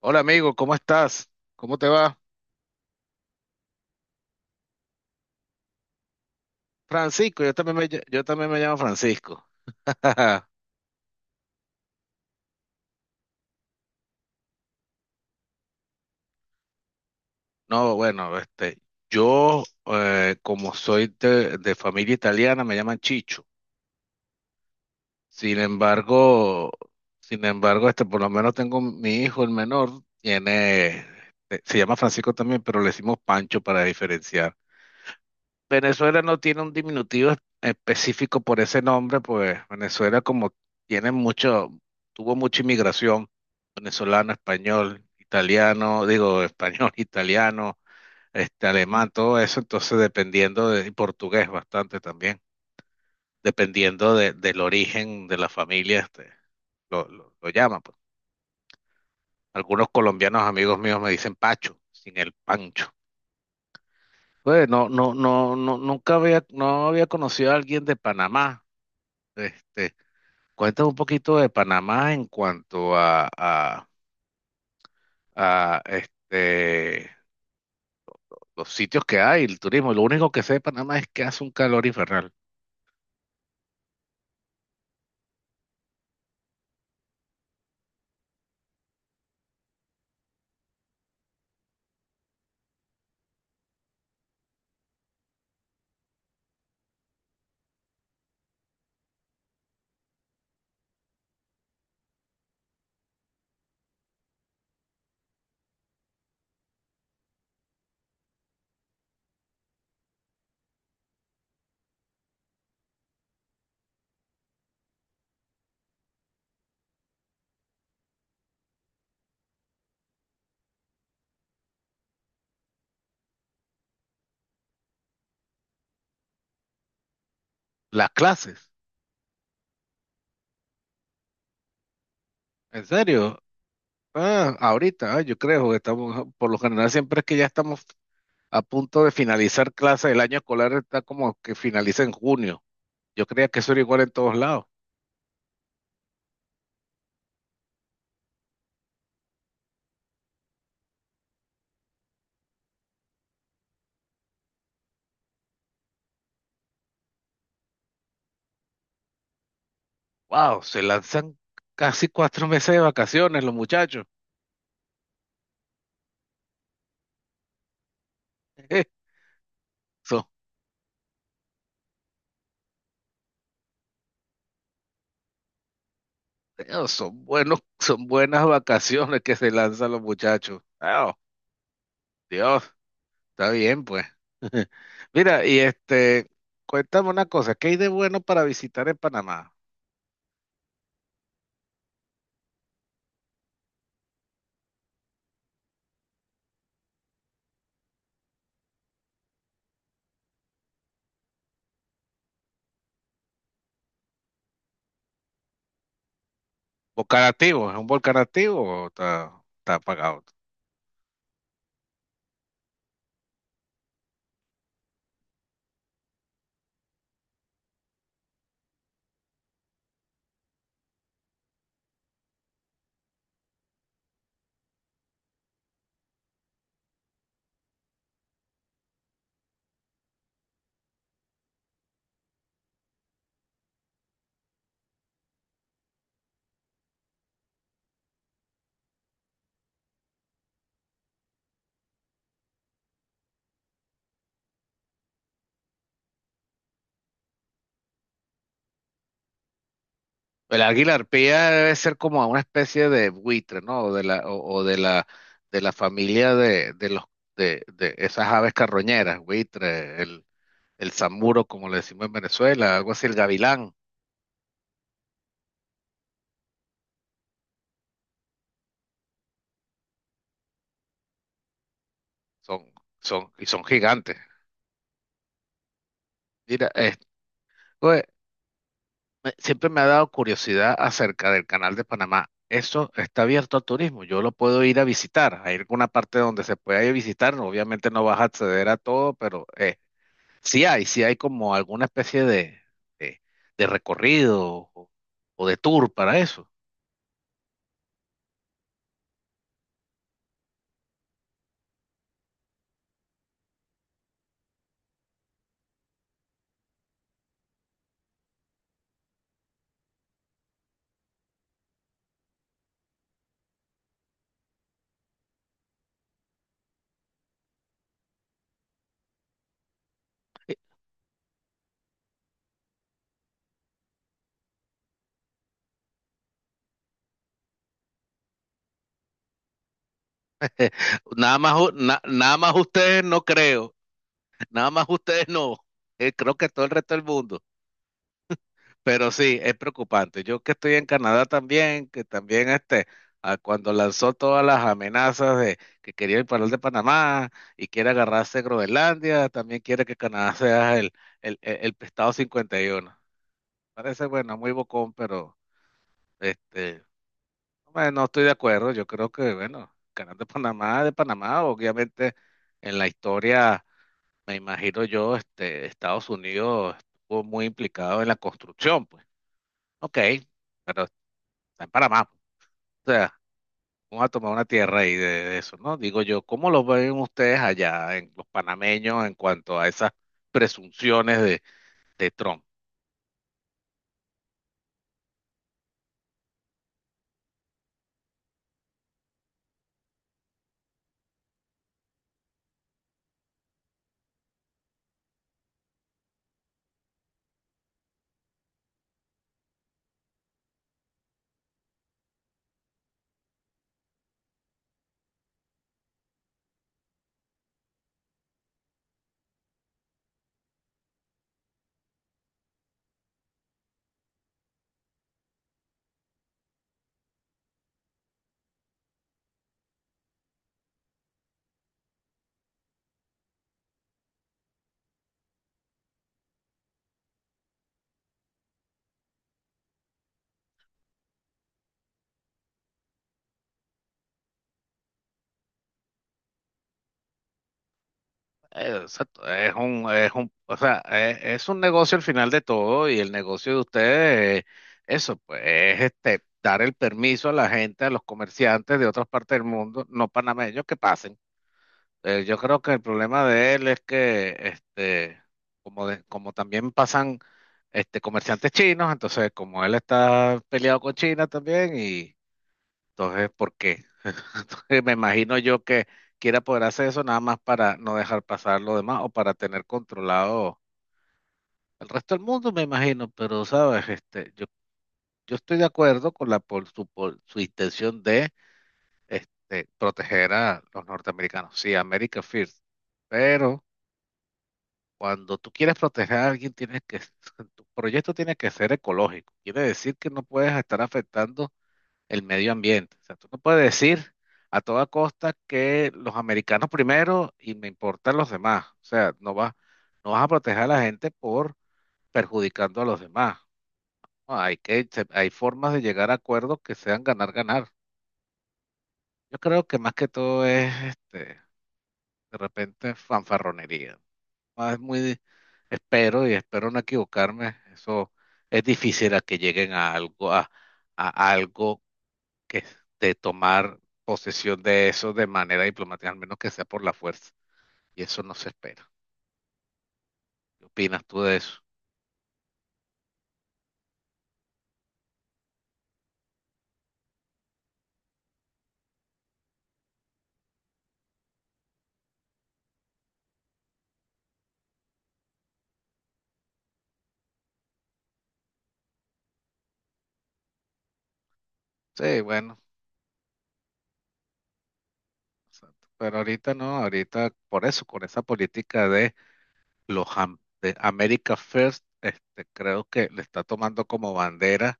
Hola amigo, ¿cómo estás? ¿Cómo te va? Francisco, yo también me llamo Francisco. No, bueno, este, yo como soy de familia italiana me llaman Chicho. Sin embargo, sin embargo, este, por lo menos tengo mi hijo, el menor, tiene, este, se llama Francisco también, pero le decimos Pancho para diferenciar. Venezuela no tiene un diminutivo específico por ese nombre, pues Venezuela como tiene mucho, tuvo mucha inmigración, venezolano, español, italiano, digo español, italiano, este alemán, todo eso, entonces y portugués bastante también, dependiendo del origen de la familia, este, lo llaman, pues. Algunos colombianos amigos míos me dicen Pacho, sin el Pancho. Pues no, no, no, no, nunca había, no había conocido a alguien de Panamá. Este, cuéntame un poquito de Panamá en cuanto a este, los sitios que hay, el turismo. Lo único que sé de Panamá es que hace un calor infernal. Las clases, ¿en serio? Ah, ahorita, ah, yo creo que estamos, ah, Por lo general siempre es que ya estamos a punto de finalizar clases. El año escolar está como que finaliza en junio. Yo creía que eso era igual en todos lados. Wow, se lanzan casi cuatro meses de vacaciones los muchachos. Son Dios, son buenos, son buenas vacaciones que se lanzan los muchachos. Ah, Dios, está bien, pues. Mira, y este, cuéntame una cosa, ¿qué hay de bueno para visitar en Panamá? ¿Volcán activo? ¿Es un volcán activo o está apagado? El águila arpía debe ser como una especie de buitre, ¿no? O de la, De la familia de esas aves carroñeras, buitre, el zamuro, como le decimos en Venezuela, algo así, el gavilán. Son, son, y son gigantes. Mira, oye, siempre me ha dado curiosidad acerca del canal de Panamá. Eso está abierto al turismo. Yo lo puedo ir a visitar. Hay alguna parte donde se pueda ir a visitar. No, obviamente no vas a acceder a todo, pero sí hay como alguna especie de, de recorrido o de tour para eso. Eh, Nada más ustedes no creo. Nada más ustedes no. Creo que todo el resto del mundo. Pero sí, es preocupante. Yo que estoy en Canadá también, que también cuando lanzó todas las amenazas de que quería el paral de Panamá y quiere agarrarse Groenlandia, también quiere que Canadá sea el pescado 51. Parece, bueno, muy bocón, pero este, bueno, no estoy de acuerdo. Yo creo que, bueno, Canal de Panamá, obviamente en la historia, me imagino yo, este, Estados Unidos estuvo muy implicado en la construcción, pues. Ok, pero está en Panamá, pues. O sea, vamos a tomar una tierra ahí de eso, ¿no? Digo yo, ¿cómo lo ven ustedes allá, en los panameños, en cuanto a esas presunciones de Trump? Exacto, es un, o sea, es un negocio al final de todo y el negocio de ustedes, eso, pues, es este, dar el permiso a la gente, a los comerciantes de otras partes del mundo, no panameños, que pasen. Yo creo que el problema de él es que, este, como, como también pasan este, comerciantes chinos, entonces como él está peleado con China también, y entonces, ¿por qué? Entonces, me imagino yo que quiera poder hacer eso nada más para no dejar pasar lo demás o para tener controlado el resto del mundo, me imagino, pero sabes, este, yo estoy de acuerdo con la por su intención de este, proteger a los norteamericanos. Sí, America First, pero cuando tú quieres proteger a alguien, tienes que, tu proyecto tiene que ser ecológico. Quiere decir que no puedes estar afectando el medio ambiente. O sea, tú no puedes decir a toda costa que los americanos primero y me importan los demás. O sea, no vas a proteger a la gente por perjudicando a los demás. No, hay hay formas de llegar a acuerdos que sean ganar, ganar. Yo creo que más que todo es, este, de repente fanfarronería. Ah, Es muy, espero y espero no equivocarme. Eso es difícil a que lleguen a a algo que es de tomar posesión de eso de manera diplomática, al menos que sea por la fuerza. Y eso no se espera. ¿Qué opinas tú de eso? Sí, bueno, exacto, pero ahorita no, ahorita por eso, con esa política de de America First, este, creo que le está tomando como bandera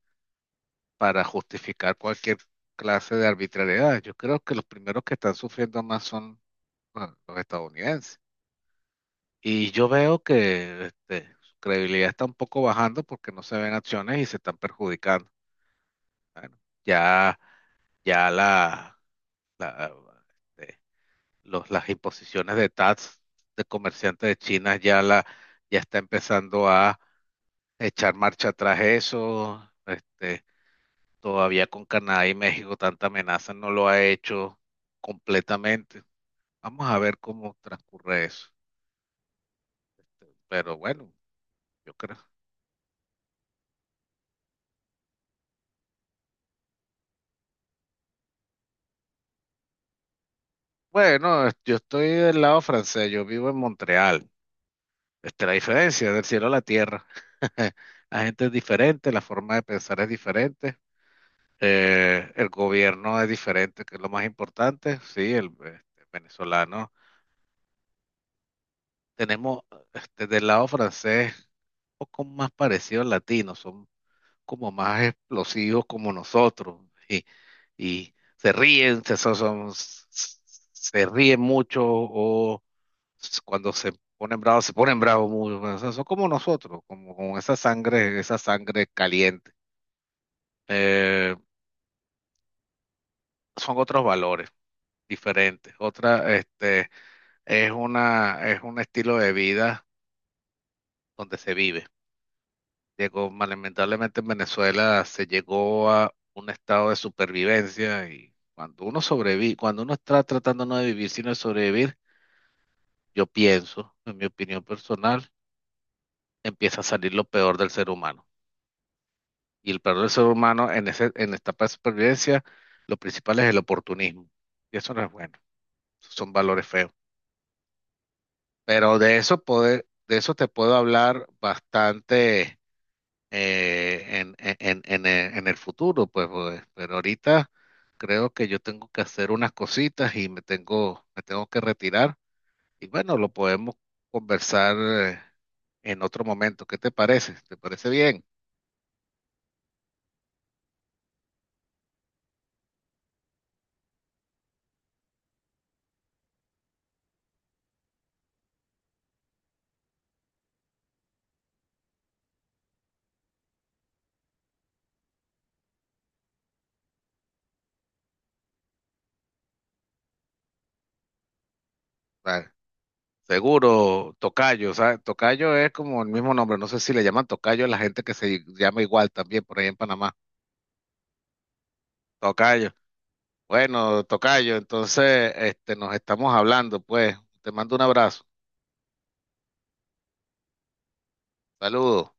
para justificar cualquier clase de arbitrariedad. Yo creo que los primeros que están sufriendo más son bueno, los estadounidenses. Y yo veo que este, su credibilidad está un poco bajando porque no se ven acciones y se están perjudicando. Bueno, ya, ya la, la, este, los, las imposiciones de tax de comerciantes de China ya está empezando a echar marcha atrás eso. Este, todavía con Canadá y México tanta amenaza no lo ha hecho completamente. Vamos a ver cómo transcurre eso. Pero bueno, yo creo. Bueno, yo estoy del lado francés, yo vivo en Montreal. Esta es la diferencia del cielo a la tierra. La gente es diferente, la forma de pensar es diferente, el gobierno es diferente, que es lo más importante. Sí, el, este, venezolano. Tenemos este, del lado francés un poco más parecido al latino, son como más explosivos como nosotros y, y se ríen, se ríen mucho o cuando se ponen bravos muy, o sea, son como nosotros, como con esa sangre caliente. Eh, son otros valores diferentes. Otra, este, es una, es un estilo de vida donde se vive. Lamentablemente en Venezuela se llegó a un estado de supervivencia y cuando uno sobrevive, cuando uno está tratando no de vivir sino de sobrevivir, yo pienso, en mi opinión personal, empieza a salir lo peor del ser humano. Y el peor del ser humano en esta etapa de supervivencia, lo principal es el oportunismo. Y eso no es bueno, esos son valores feos. Pero de eso poder, de eso te puedo hablar bastante eh, en, en- en- en- el futuro, pues, pues, pero ahorita creo que yo tengo que hacer unas cositas y me tengo que retirar. Y bueno, lo podemos conversar en otro momento. ¿Qué te parece? ¿Te parece bien? Vale. Seguro, tocayo, ¿sabes? Tocayo es como el mismo nombre, no sé si le llaman tocayo a la gente que se llama igual también por ahí en Panamá. Tocayo. Bueno, tocayo, entonces este, nos estamos hablando, pues. Te mando un abrazo. Saludos.